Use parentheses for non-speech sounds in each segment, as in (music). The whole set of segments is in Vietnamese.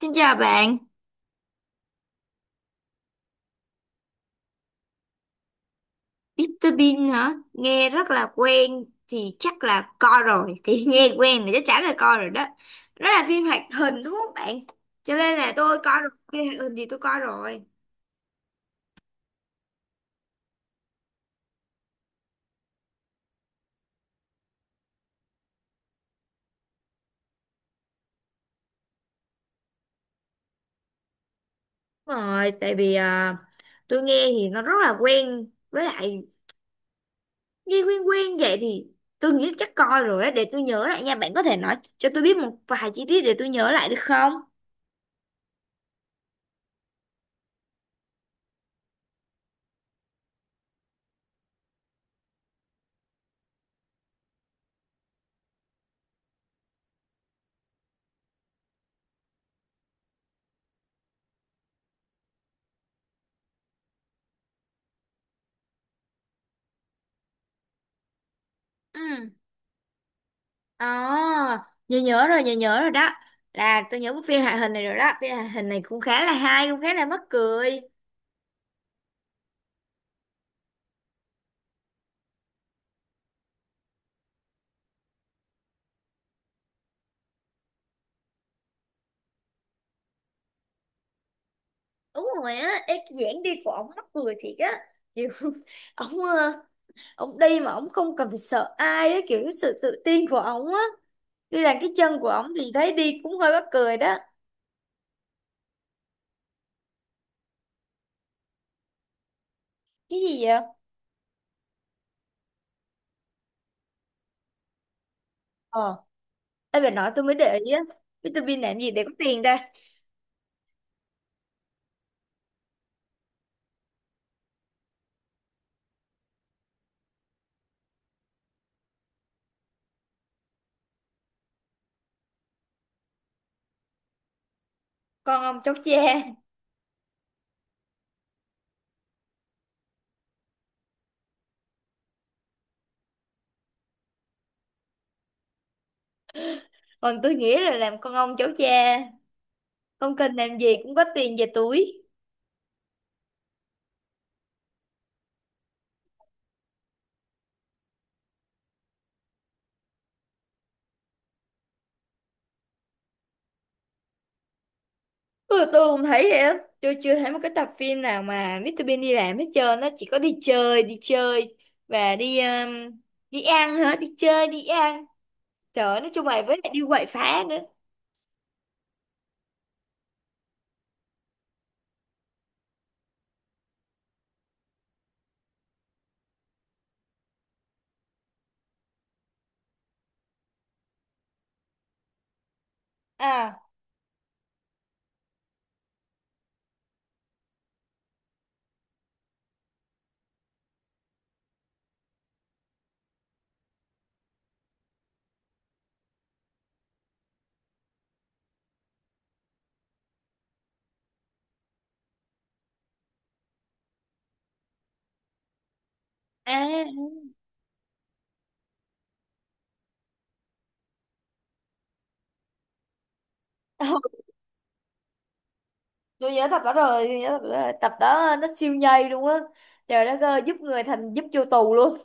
Xin chào bạn. Mr. Bean hả? Nghe rất là quen thì chắc là coi rồi thì (laughs) nghe quen thì chắc chắn là coi rồi đó. Đó là phim hoạt hình đúng không bạn? Cho nên là tôi coi rồi, phim hoạt hình thì tôi coi rồi. Đúng rồi, tại vì tôi nghe thì nó rất là quen, với lại nghe quen quen vậy thì tôi nghĩ chắc coi rồi á, để tôi nhớ lại nha. Bạn có thể nói cho tôi biết một vài chi tiết để tôi nhớ lại được không? Ừ. À, nhớ nhớ rồi đó. Là tôi nhớ bức phim hoạt hình này rồi đó. Phim hoạt hình này cũng khá là hay, cũng khá là mắc cười. Đúng rồi á, ê, cái dáng đi của ổng mắc cười thiệt á. Kiểu (laughs) ổng ổng đi mà ổng không cần phải sợ ai á, kiểu cái sự tự tin của ổng á. Tuy là cái chân của ổng thì thấy đi cũng hơi mắc cười đó. Cái gì vậy? Ờ, ê bà nói tôi mới để ý á. Vitamin làm gì để có tiền ta? Con ông cháu cha. Còn tôi nghĩ là làm con ông cháu cha. Không cần làm gì cũng có tiền về túi. Ừ, tôi cũng thấy vậy á, tôi chưa thấy một cái tập phim nào mà Mr Bean đi làm hết trơn. Nó chỉ có đi chơi, đi chơi và đi đi ăn, hả, đi chơi đi ăn, trời ơi, nói chung là với lại đi quậy phá nữa. À. À. Ừ. (laughs) Tôi nhớ tập đó rồi, tôi nhớ tập đó rồi, tập đó nó siêu nhây luôn á. Trời đất ơi, giúp người thành giúp vô tù luôn.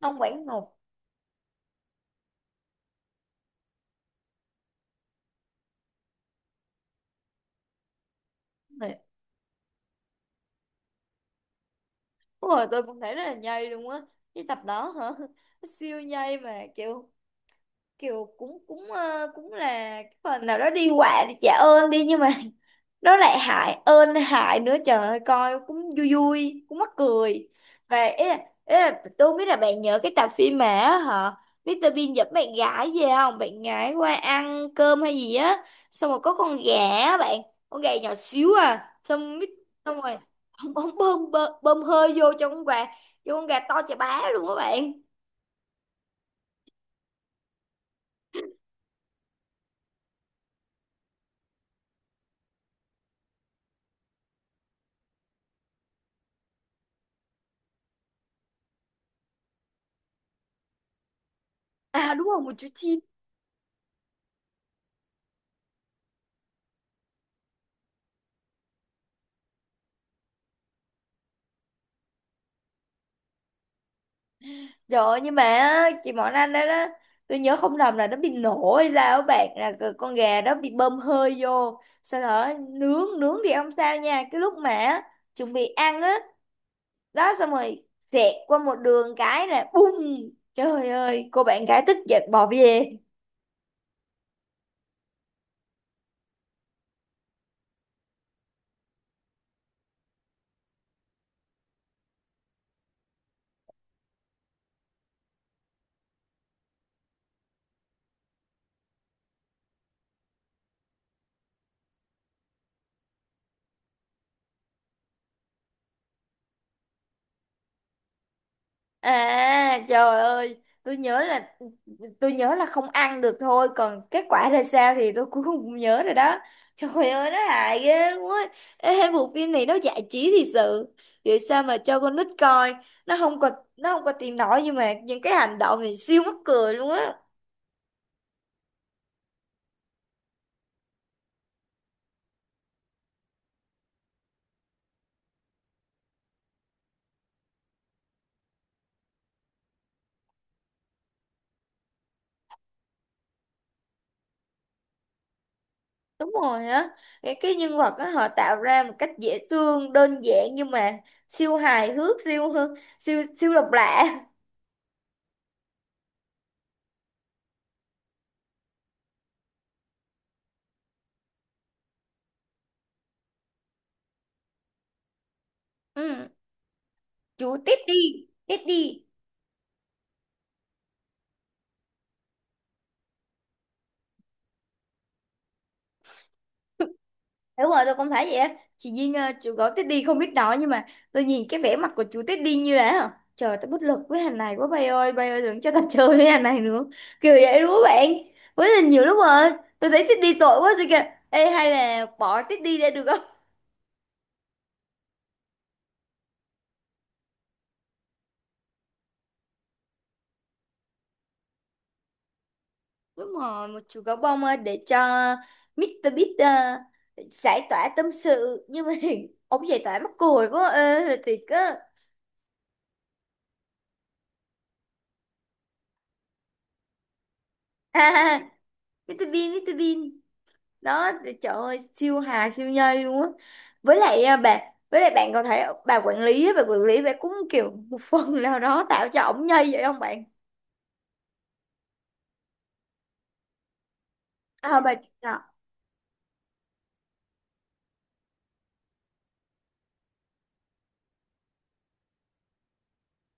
Ông Quảng Ngọc này, đúng rồi, tôi cũng thấy rất là nhây luôn á. Cái tập đó hả? (laughs) Nó siêu nhây mà kiểu, kiểu cũng cũng cũng là cái phần nào đó đi quạ để trả ơn đi, nhưng mà (laughs) nó lại hại ơn hại nữa, trời ơi, coi cũng vui vui, cũng mắc cười. Và ý là tôi không biết là bạn nhớ cái tập phim mà á hả, Mr Bean dẫn bạn gái về không, bạn gái qua ăn cơm hay gì á, xong rồi có con gà á bạn, con gà nhỏ xíu, à xong mít, xong rồi (laughs) ông bơm bơm, bơm hơi vô cho con gà, cho con gà to chà bá luôn các bạn. À đúng rồi, một chú chim. Trời ơi, nhưng mà á, chị Mọn Anh đó đó, tôi nhớ không lầm là nó bị nổ hay sao á bạn, là con gà đó bị bơm hơi vô, sau đó nướng nướng thì không sao nha, cái lúc mà chuẩn bị ăn á, đó, xong rồi xẹt qua một đường cái là bum, trời ơi, cô bạn gái tức giận bỏ về. À trời ơi, tôi nhớ là tôi nhớ là không ăn được thôi, còn kết quả ra sao thì tôi cũng không nhớ rồi đó. Trời ơi nó hại ghê luôn á. Ê, (laughs) bộ phim này nó giải trí thì sự. Vậy sao mà cho con nít coi, nó không có nó không có tiền nổi, nhưng mà những cái hành động này siêu mắc cười luôn á. Đúng rồi á. Cái nhân vật á họ tạo ra một cách dễ thương, đơn giản nhưng mà siêu hài hước, siêu siêu siêu độc lạ. Ừ, chú Teddy, Teddy. Đúng rồi, tôi cũng thấy vậy á. Chị Duyên chú gấu Teddy không biết nói, nhưng mà tôi nhìn cái vẻ mặt của chú Teddy như là hả? Trời tôi bất lực với hàng này quá, bay ơi đừng cho tao (laughs) chơi với hàng này nữa. Kiểu vậy đúng không bạn? Với là nhiều lúc rồi, tôi thấy Teddy tội quá rồi kìa. Ê hay là bỏ Teddy ra được không? (laughs) Đúng rồi, một chú gấu bông để cho Mr. Beast giải tỏa tâm sự, nhưng mà (laughs) ông giải tỏa mắc cười quá ơi thiệt á. (laughs) Ha ha, Mr. Bean, Mr. Bean. Đó, trời ơi siêu hà siêu nhây luôn á. với lại à, bà với lại bạn còn thấy bà quản lý á, bà quản lý bà cũng kiểu một (laughs) phần nào đó tạo cho ổng nhây vậy không bạn? à, bà à,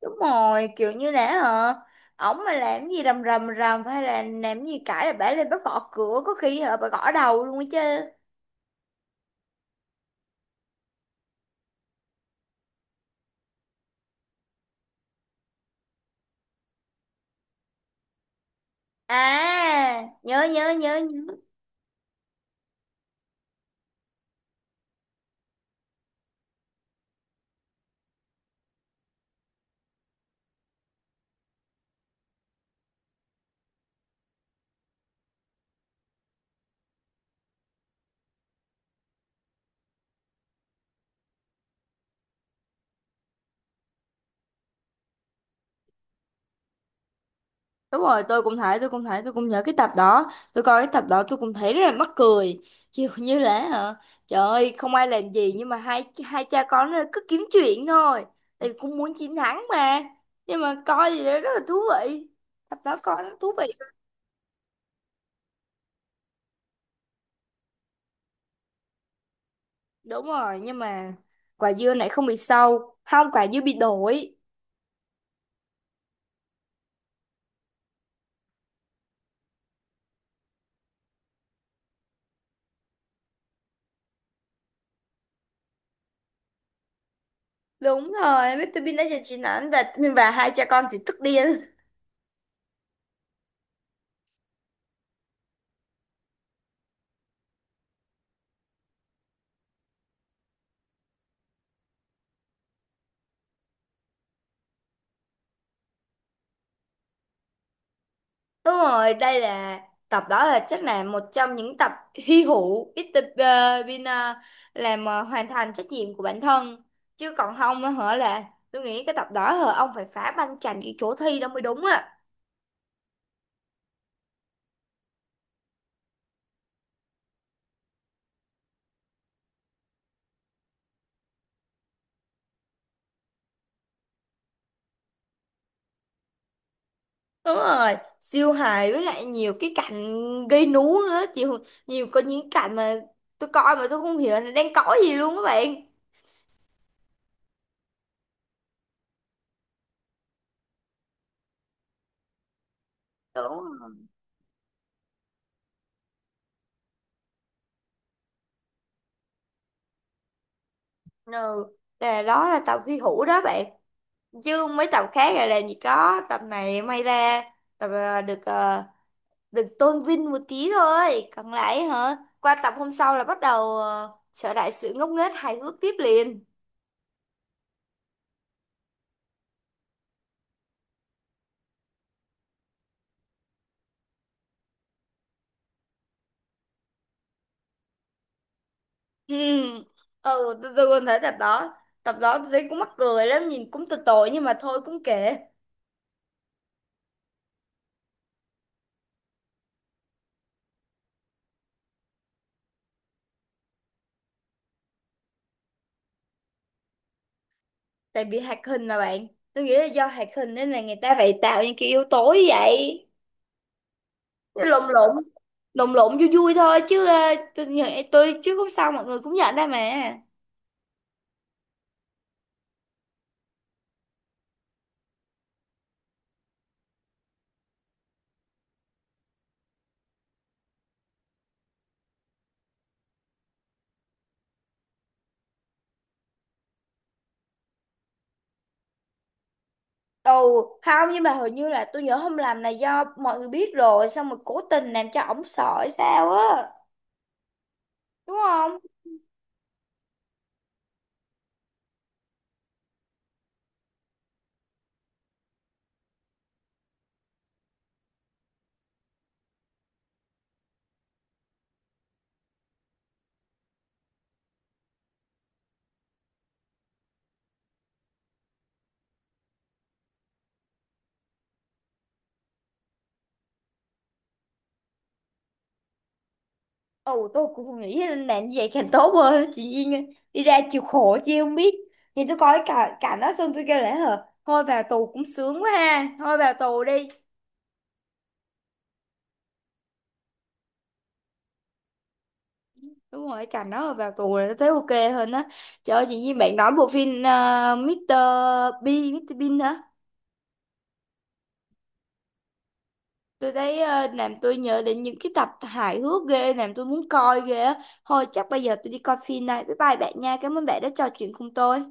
đúng rồi, kiểu như là hả, ổng mà làm gì rầm rầm rầm hay là làm gì cãi là bả lên bắt gõ cửa, có khi hả bà gõ đầu luôn á chứ. À, nhớ nhớ. Đúng rồi, tôi cũng nhớ cái tập đó. Tôi coi cái tập đó tôi cũng thấy rất là mắc cười. (laughs) Kiểu như là hả? Trời ơi, không ai làm gì nhưng mà hai hai cha con nó cứ kiếm chuyện thôi. Tại vì cũng muốn chiến thắng mà. Nhưng mà coi thì nó rất là thú vị. Tập đó coi nó thú vị. Đúng rồi, nhưng mà quả dưa này không bị sâu. Không, quả dưa bị đổi. Đúng rồi, Mr. Bean đã giành chiến thắng, và hai cha con thì tức điên. Đúng rồi, đây là, tập đó là chắc là một trong những tập hy hữu, ít tập ờ, bên ờ, làm ờ, hoàn thành trách nhiệm của bản thân, chứ còn không á hả, là tôi nghĩ cái tập đó hả ông phải phá banh chành cái chỗ thi đó mới đúng á. Đúng rồi siêu hài, với lại nhiều cái cảnh gây nú nữa, nhiều nhiều có những cảnh mà tôi coi mà tôi không hiểu là đang cõi gì luôn các bạn. Ừ, là đó là tập hy hữu đó bạn, chứ mấy tập khác là làm gì có. Tập này may ra, tập được tôn vinh một tí thôi, còn lại hả qua tập hôm sau là bắt đầu trở lại sự ngốc nghếch hài hước tiếp liền. Ừ. Tôi còn thấy tập đó, tập đó tôi thấy cũng mắc cười lắm, nhìn cũng tội tội, nhưng mà thôi cũng kệ. Tại vì hoạt hình mà bạn, tôi nghĩ là do hoạt hình nên là người ta phải tạo những cái yếu tố như vậy. Chứ lộn lộn, lộn vui vui thôi, chứ tôi chứ cũng sao mọi người cũng nhận ra mà. Ồ, không, nhưng mà hình như là tôi nhớ hôm làm này, do mọi người biết rồi xong rồi cố tình làm cho ổng sợ hay sao á, đúng không? Ồ tôi cũng nghĩ là làm như vậy càng tốt hơn. (laughs) Chị Duyên đi ra chịu khổ chứ không biết, nhìn tôi coi cả cả nó xong tôi kêu, lẽ hờ, thôi vào tù cũng sướng quá ha, thôi vào tù đi. Đúng rồi, cả nó vào tù là tôi thấy ok hơn á. Trời ơi chị Duyên, bạn nói bộ phim Mr. Bean, Mr. Bean hả. Tôi thấy làm tôi nhớ đến những cái tập hài hước ghê, làm tôi muốn coi ghê á. Thôi chắc bây giờ tôi đi coi phim này. Bye bye bạn nha. Cảm ơn bạn đã trò chuyện cùng tôi.